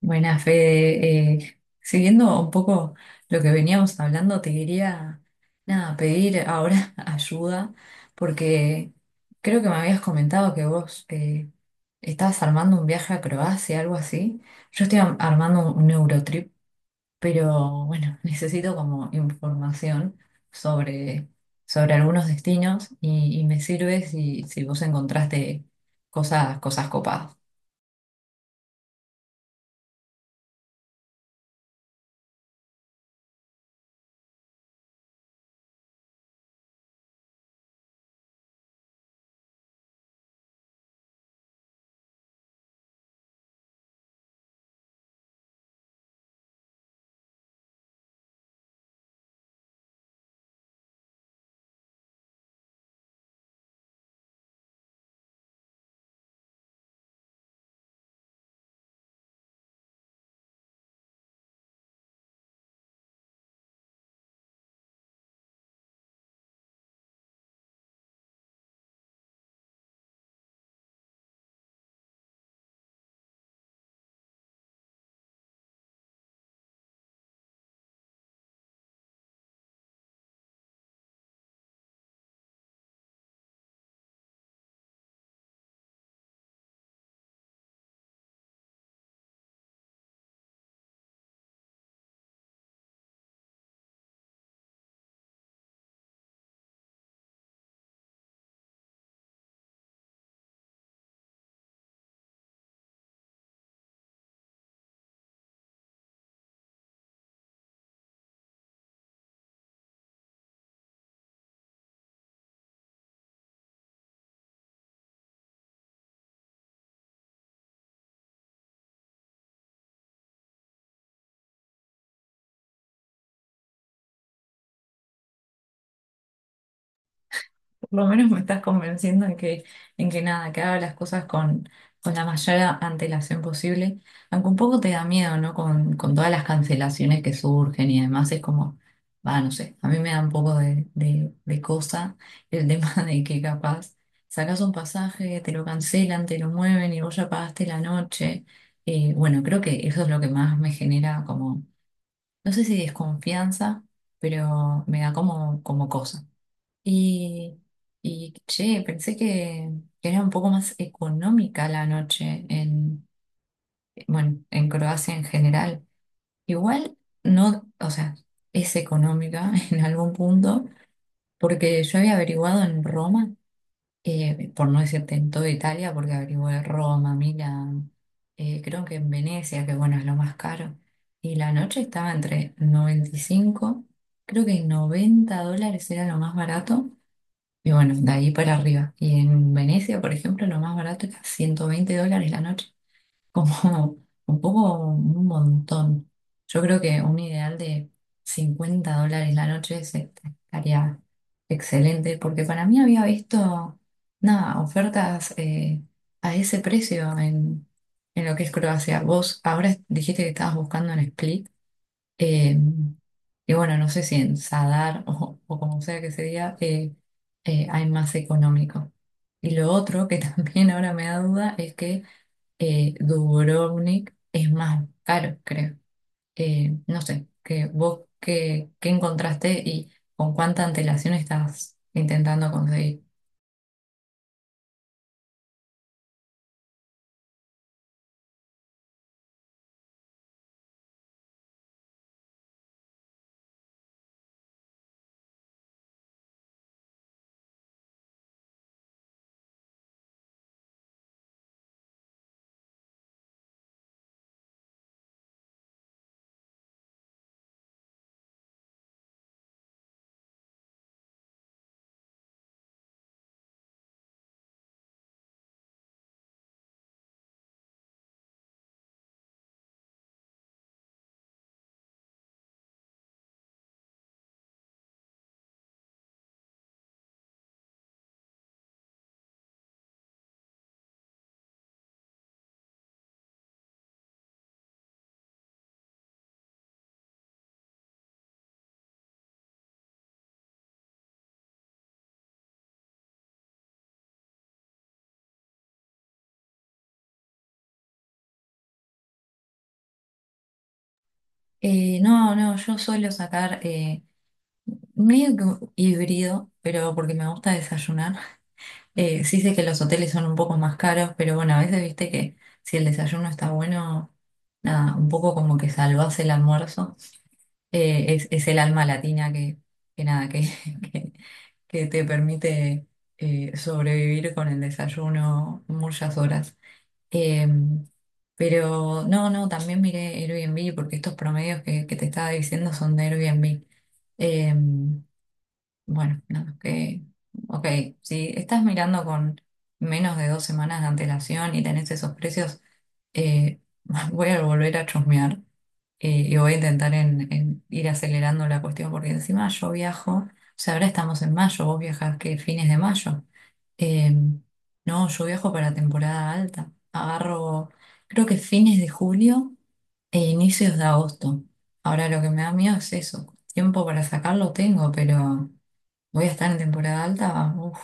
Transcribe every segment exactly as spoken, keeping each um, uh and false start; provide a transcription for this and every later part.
Buenas, Fede. Eh, siguiendo un poco lo que veníamos hablando, te quería nada, pedir ahora ayuda, porque creo que me habías comentado que vos eh, estabas armando un viaje a Croacia, algo así. Yo estoy am- armando un Eurotrip, pero bueno, necesito como información sobre, sobre algunos destinos y, y me sirve si, si vos encontraste cosas, cosas copadas. Por lo menos me estás convenciendo en que, en que nada, que haga las cosas con, con la mayor antelación posible, aunque un poco te da miedo, ¿no? Con, con todas las cancelaciones que surgen y demás, es como, va, no sé, a mí me da un poco de, de, de cosa el tema de que capaz sacas un pasaje, te lo cancelan, te lo mueven y vos ya pagaste la noche. Eh, bueno, creo que eso es lo que más me genera como, no sé si desconfianza, pero me da como, como cosa. Y, y che, pensé que, que era un poco más económica la noche en, bueno, en Croacia en general. Igual no, o sea, es económica en algún punto, porque yo había averiguado en Roma, eh, por no decirte en toda Italia, porque averigué Roma, Milán, eh, creo que en Venecia, que bueno, es lo más caro. Y la noche estaba entre noventa y cinco, creo que noventa dólares era lo más barato y bueno, de ahí para arriba. Y en Venecia, por ejemplo, lo más barato era ciento veinte dólares la noche. Como un poco, un montón. Yo creo que un ideal de cincuenta dólares la noche se- estaría excelente, porque para mí había visto, nada, ofertas eh, a ese precio en, en lo que es Croacia. Vos ahora dijiste que estabas buscando en Split. Eh, y bueno, no sé si en Sadar o, o como sea que se diga, eh, eh, hay más económico. Y lo otro que también ahora me da duda es que eh, Dubrovnik es más caro, creo. Eh, no sé, que vos qué, qué encontraste y con cuánta antelación estás intentando conseguir. Eh, no, no, yo suelo sacar eh, medio que híbrido, pero porque me gusta desayunar. Eh, sí sé que los hoteles son un poco más caros, pero bueno, a veces viste que si el desayuno está bueno, nada, un poco como que salvás el almuerzo. Eh, es, es el alma latina que, que nada, que, que, que te permite eh, sobrevivir con el desayuno muchas horas. Eh, pero no, no, también miré Airbnb porque estos promedios que, que te estaba diciendo son de Airbnb. Em, bueno, nada, que, ok, si estás mirando con menos de dos semanas de antelación y tenés esos precios, eh, voy a volver a chusmear eh, y voy a intentar en, en ir acelerando la cuestión porque encima yo viajo, o sea, ahora estamos en mayo, vos viajás que fines de mayo. Eh, no, yo viajo para temporada alta, agarro creo que fines de julio e inicios de agosto. Ahora lo que me da miedo es eso, tiempo para sacarlo tengo, pero voy a estar en temporada alta, uf,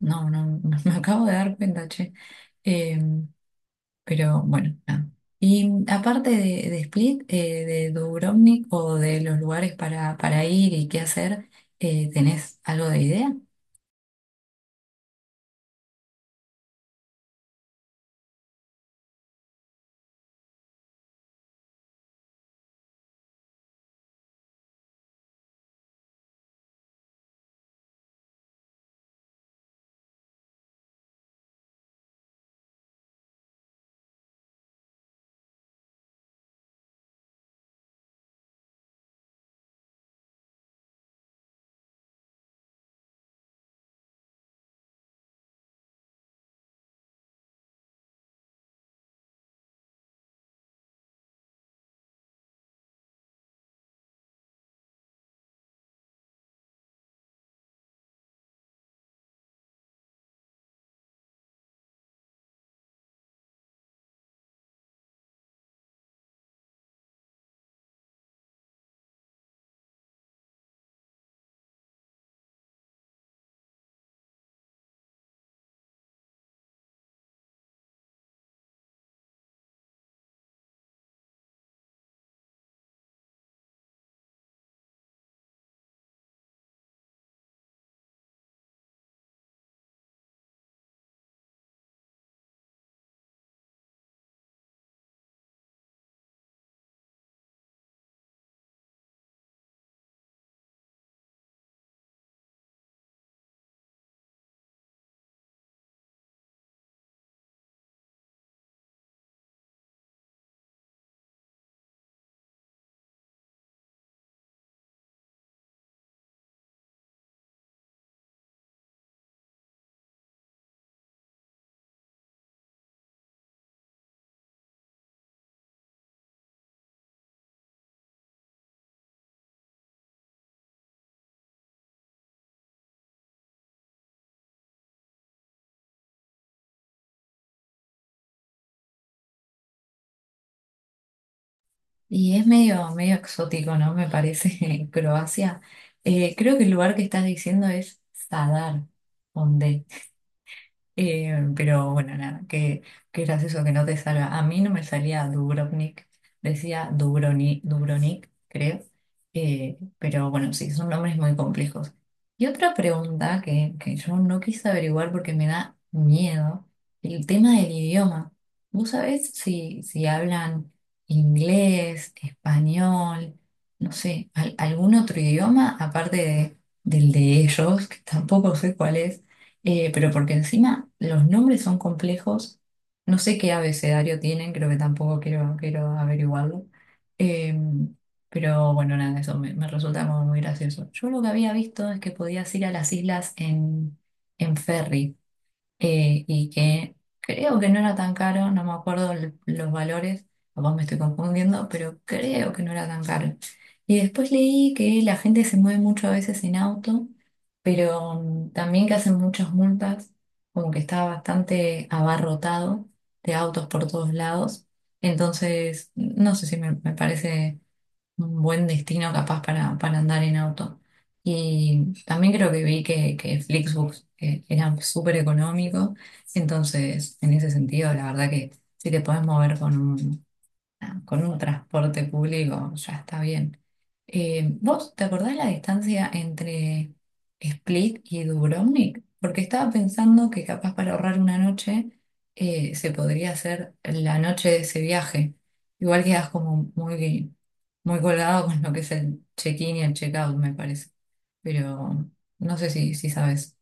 no, no, no, me acabo de dar cuenta, che. Eh, pero bueno, nada. Y aparte de, de Split, eh, de Dubrovnik o de los lugares para, para ir y qué hacer, eh, ¿tenés algo de idea? Y es medio, medio exótico, ¿no? Me parece Croacia. Eh, creo que el lugar que estás diciendo es Zadar. Eh, pero bueno, nada, qué, qué gracioso que no te salga. A mí no me salía Dubrovnik, decía Dubroni, Dubrovnik, creo. Eh, pero bueno, sí, son nombres muy complejos. Y otra pregunta que, que yo no quise averiguar porque me da miedo, el tema del idioma. ¿Vos sabés si, si hablan inglés, español, no sé, al- algún otro idioma aparte de, del de ellos, que tampoco sé cuál es? Eh, pero porque encima los nombres son complejos, no sé qué abecedario tienen, creo que tampoco quiero, quiero averiguarlo. Eh, pero bueno, nada, eso me, me resulta como muy gracioso. Yo lo que había visto es que podías ir a las islas en, en ferry eh, y que creo que no era tan caro, no me acuerdo el- los valores, capaz me estoy confundiendo, pero creo que no era tan caro. Y después leí que la gente se mueve mucho a veces en auto, pero mm, también que hacen muchas multas, como que está bastante abarrotado de autos por todos lados. Entonces, no sé si me, me parece un buen destino capaz para, para andar en auto. Y también creo que vi que, que Flixbus eh, era súper económico, entonces en ese sentido la verdad que si te podés mover con un, ah, con un transporte público ya está bien. Eh, ¿vos te acordás la distancia entre Split y Dubrovnik? Porque estaba pensando que capaz para ahorrar una noche eh, se podría hacer la noche de ese viaje. Igual quedas como muy, muy colgado con lo que es el check-in y el check-out, me parece. Pero no sé si, si sabes.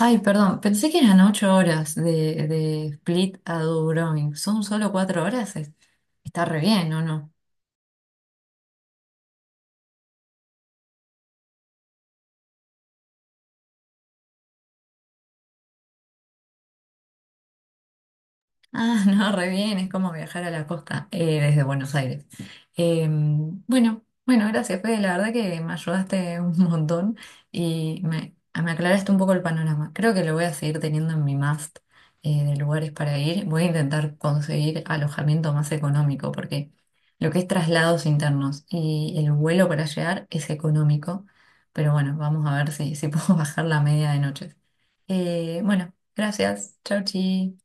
Ay, perdón, pensé que eran ocho horas de, de Split a Dubrovnik. ¿Son solo cuatro horas? Es- está re bien, ¿o no? Ah, no, re bien, es como viajar a la costa eh, desde Buenos Aires. Eh, bueno, bueno, gracias, Fede, la verdad que me ayudaste un montón y me, me aclaraste un poco el panorama. Creo que lo voy a seguir teniendo en mi must eh, de lugares para ir. Voy a intentar conseguir alojamiento más económico porque lo que es traslados internos y el vuelo para llegar es económico, pero bueno, vamos a ver si, si puedo bajar la media de noches. Eh, bueno, gracias, chau, chi.